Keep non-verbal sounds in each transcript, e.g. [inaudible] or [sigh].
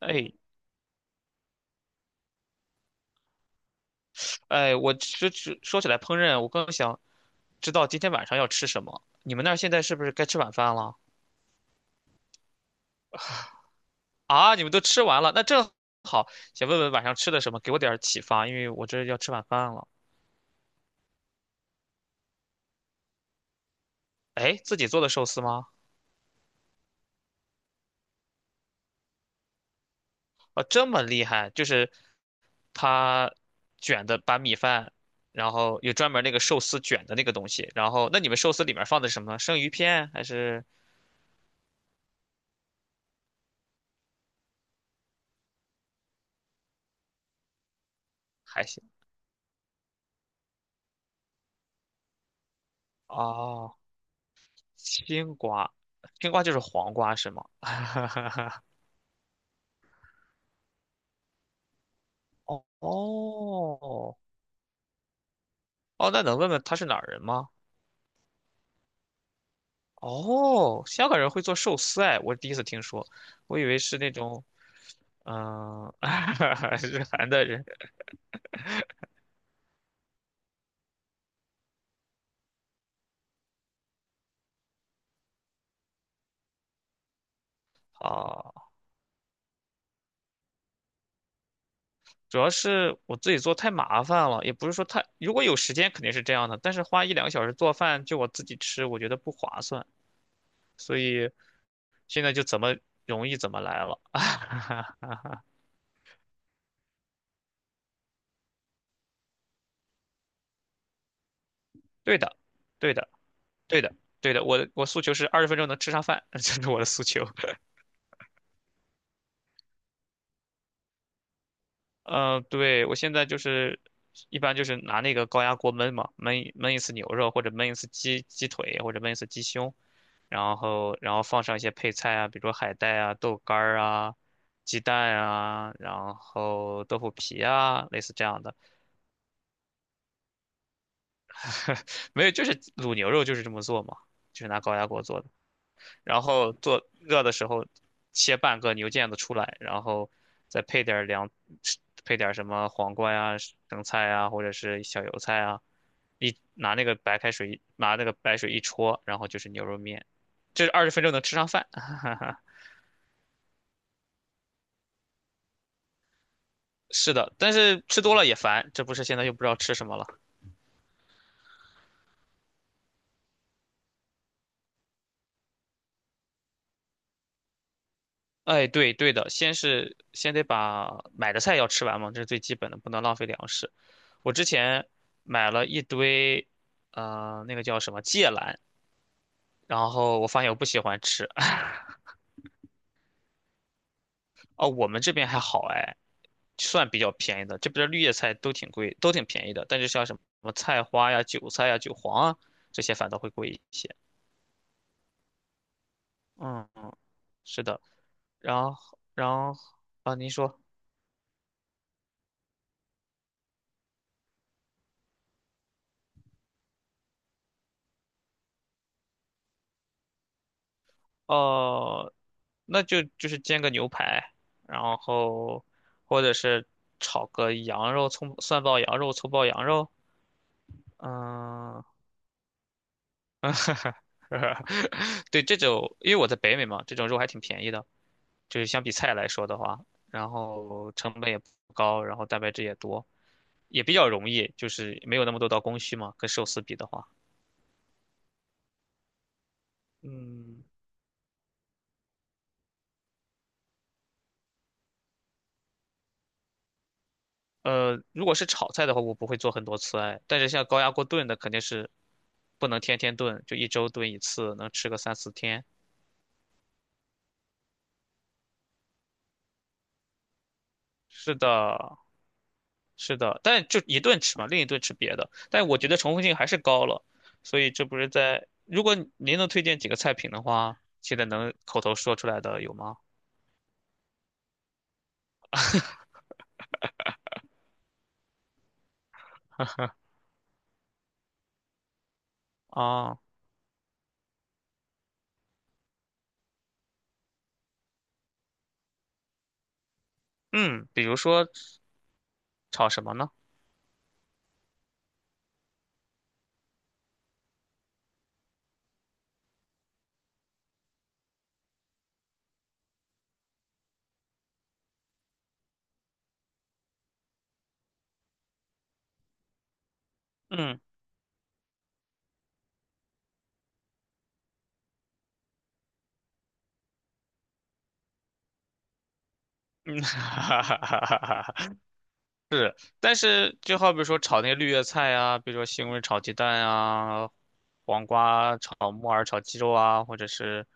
哎哎，我只说起来烹饪，我更想知道今天晚上要吃什么。你们那儿现在是不是该吃晚饭了？啊，你们都吃完了，那正好，想问问晚上吃的什么，给我点儿启发，因为我这要吃晚饭了。哎，自己做的寿司吗？啊，这么厉害，就是他卷的，把米饭，然后有专门那个寿司卷的那个东西，然后那你们寿司里面放的是什么呢生鱼片还是海鲜？哦，青瓜，青瓜就是黄瓜是吗？[laughs] 哦哦哦，那能问问他是哪儿人吗？哦，香港人会做寿司哎，我第一次听说，我以为是那种[laughs] 日韩的人啊。主要是我自己做太麻烦了，也不是说太，如果有时间肯定是这样的，但是花一两个小时做饭就我自己吃，我觉得不划算，所以现在就怎么容易怎么来了。[laughs] 对的，对的，对的，对的，我诉求是二十分钟能吃上饭，[laughs] 这是我的诉求。对，我现在就是一般就是拿那个高压锅焖嘛，焖一次牛肉或者焖一次鸡腿或者焖一次鸡胸，然后放上一些配菜啊，比如说海带啊、豆干儿啊、鸡蛋啊，然后豆腐皮啊，类似这样的。[laughs] 没有，就是卤牛肉就是这么做嘛，就是拿高压锅做的。然后做热的时候切半个牛腱子出来，然后再配点儿凉，配点儿什么黄瓜呀、生菜呀，或者是小油菜啊，一拿那个白开水，拿那个白水一戳，然后就是牛肉面，这二十分钟能吃上饭。[laughs] 是的，但是吃多了也烦，这不是现在又不知道吃什么了。哎，对对的，先是先得把买的菜要吃完嘛，这是最基本的，不能浪费粮食。我之前买了一堆，那个叫什么芥蓝。然后我发现我不喜欢吃。[laughs] 哦，我们这边还好哎，算比较便宜的。这边的绿叶菜都挺贵，都挺便宜的。但是像什么菜花呀、韭菜呀、韭黄啊，这些反倒会贵一些。嗯，是的。然后，然后啊，您说，哦、那就是煎个牛排，然后或者是炒个羊肉、葱蒜爆羊肉、葱爆羊肉。嗯，[laughs] 对，这种因为我在北美嘛，这种肉还挺便宜的。就是相比菜来说的话，然后成本也不高，然后蛋白质也多，也比较容易，就是没有那么多道工序嘛，跟寿司比的话。嗯，如果是炒菜的话，我不会做很多次哎，但是像高压锅炖的肯定是不能天天炖，就一周炖一次，能吃个三四天。是的，是的，但就一顿吃嘛，另一顿吃别的。但我觉得重复性还是高了，所以这不是在，如果您能推荐几个菜品的话，现在能口头说出来的有吗？啊。嗯，比如说炒什么呢？嗯嗯，[laughs] 哈哈哈哈哈哈。但是就好比说炒那些绿叶菜啊，比如说西红柿炒鸡蛋啊，黄瓜炒木耳炒鸡肉啊，或者是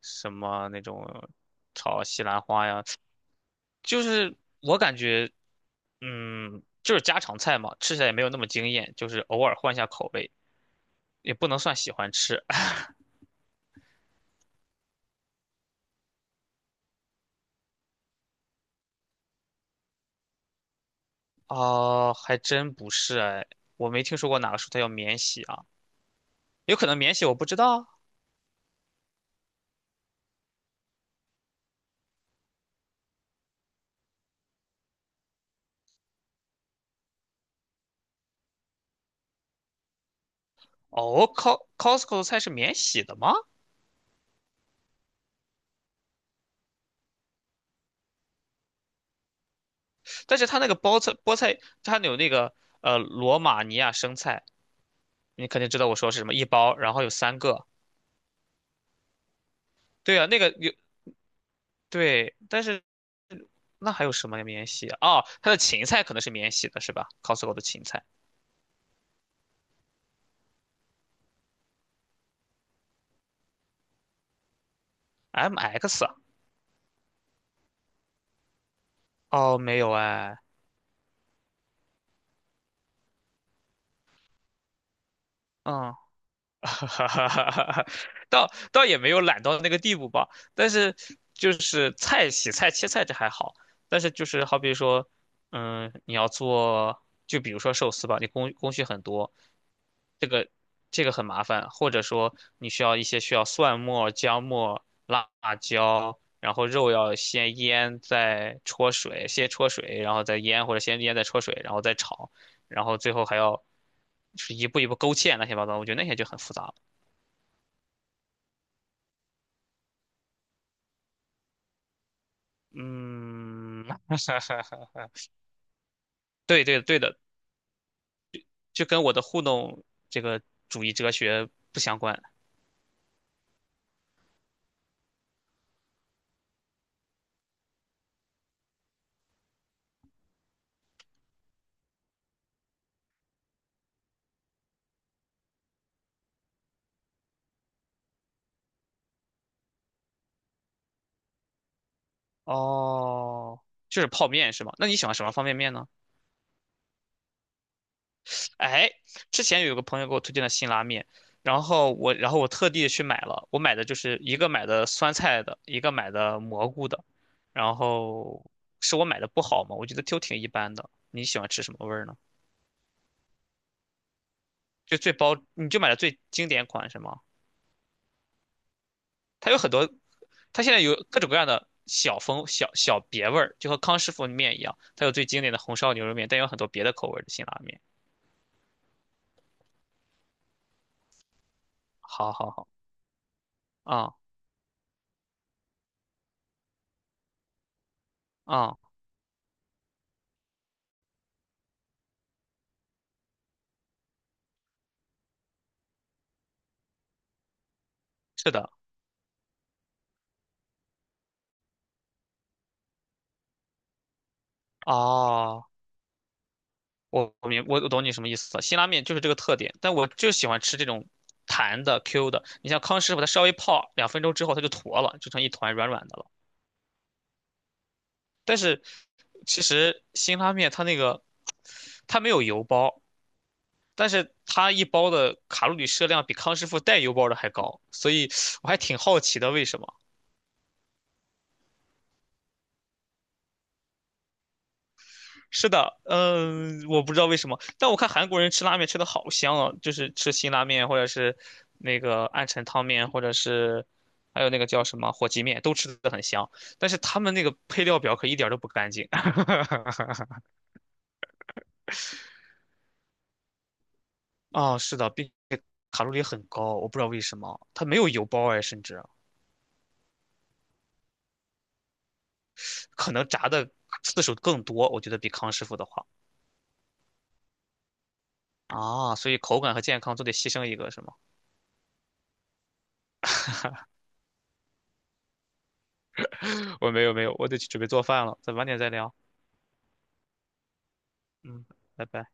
什么那种炒西兰花呀，就是我感觉，嗯，就是家常菜嘛，吃起来也没有那么惊艳，就是偶尔换一下口味，也不能算喜欢吃。[laughs] 啊，还真不是哎，我没听说过哪个蔬菜要免洗啊。有可能免洗，我不知道啊。哦，Costco 的菜是免洗的吗？但是它那个包菜菠菜，它有那个罗马尼亚生菜，你肯定知道我说是什么，一包，然后有三个。对啊，那个有对，但是那还有什么免洗啊？哦，它的芹菜可能是免洗的，是吧？Costco 的芹菜，MX 啊哦，没有哎，嗯。[laughs] 哈哈哈哈哈，倒也没有懒到那个地步吧，但是就是菜洗菜切菜这还好，但是就是好比说，嗯，你要做，就比如说寿司吧，你工序很多，这个这个很麻烦，或者说你需要一些需要蒜末、姜末、辣椒，然后肉要先腌再焯水，先焯水然后再腌，或者先腌再焯水，然后再炒，然后最后还要就是一步一步勾芡乱七八糟，我觉得那些就很复杂嗯，[laughs] 对对对的，就跟我的互动这个主义哲学不相关。哦，就是泡面是吗？那你喜欢什么方便面呢？哎，之前有个朋友给我推荐的辛拉面，然后我特地去买了，我买的就是一个买的酸菜的，一个买的蘑菇的，然后是我买的不好嘛，我觉得都挺一般的。你喜欢吃什么味儿呢？就最包，你就买了最经典款是吗？它有很多它现在有各种各样的小风小小别味儿，就和康师傅面一样，它有最经典的红烧牛肉面，但有很多别的口味儿的辛拉面。好好好，啊、啊、是的，哦，我我明我我懂你什么意思了，辛拉面就是这个特点，但我就喜欢吃这种弹的 Q 的。你像康师傅，它稍微泡2分钟之后，它就坨了，就成一团软软的了。但是其实辛拉面它那个它没有油包，但是它一包的卡路里摄量比康师傅带油包的还高，所以我还挺好奇的，为什么？是的，嗯，我不知道为什么，但我看韩国人吃拉面吃的好香啊，就是吃辛拉面或者是那个暗沉汤面，或者是还有那个叫什么火鸡面，都吃的很香，但是他们那个配料表可一点儿都不干净。[laughs] 啊，是的，并且卡路里很高，我不知道为什么，它没有油包哎，甚至啊可能炸的次数更多，我觉得比康师傅的话。啊，所以口感和健康都得牺牲一个，是吗？我没有没有，我得去准备做饭了，咱晚点再聊。嗯，拜拜。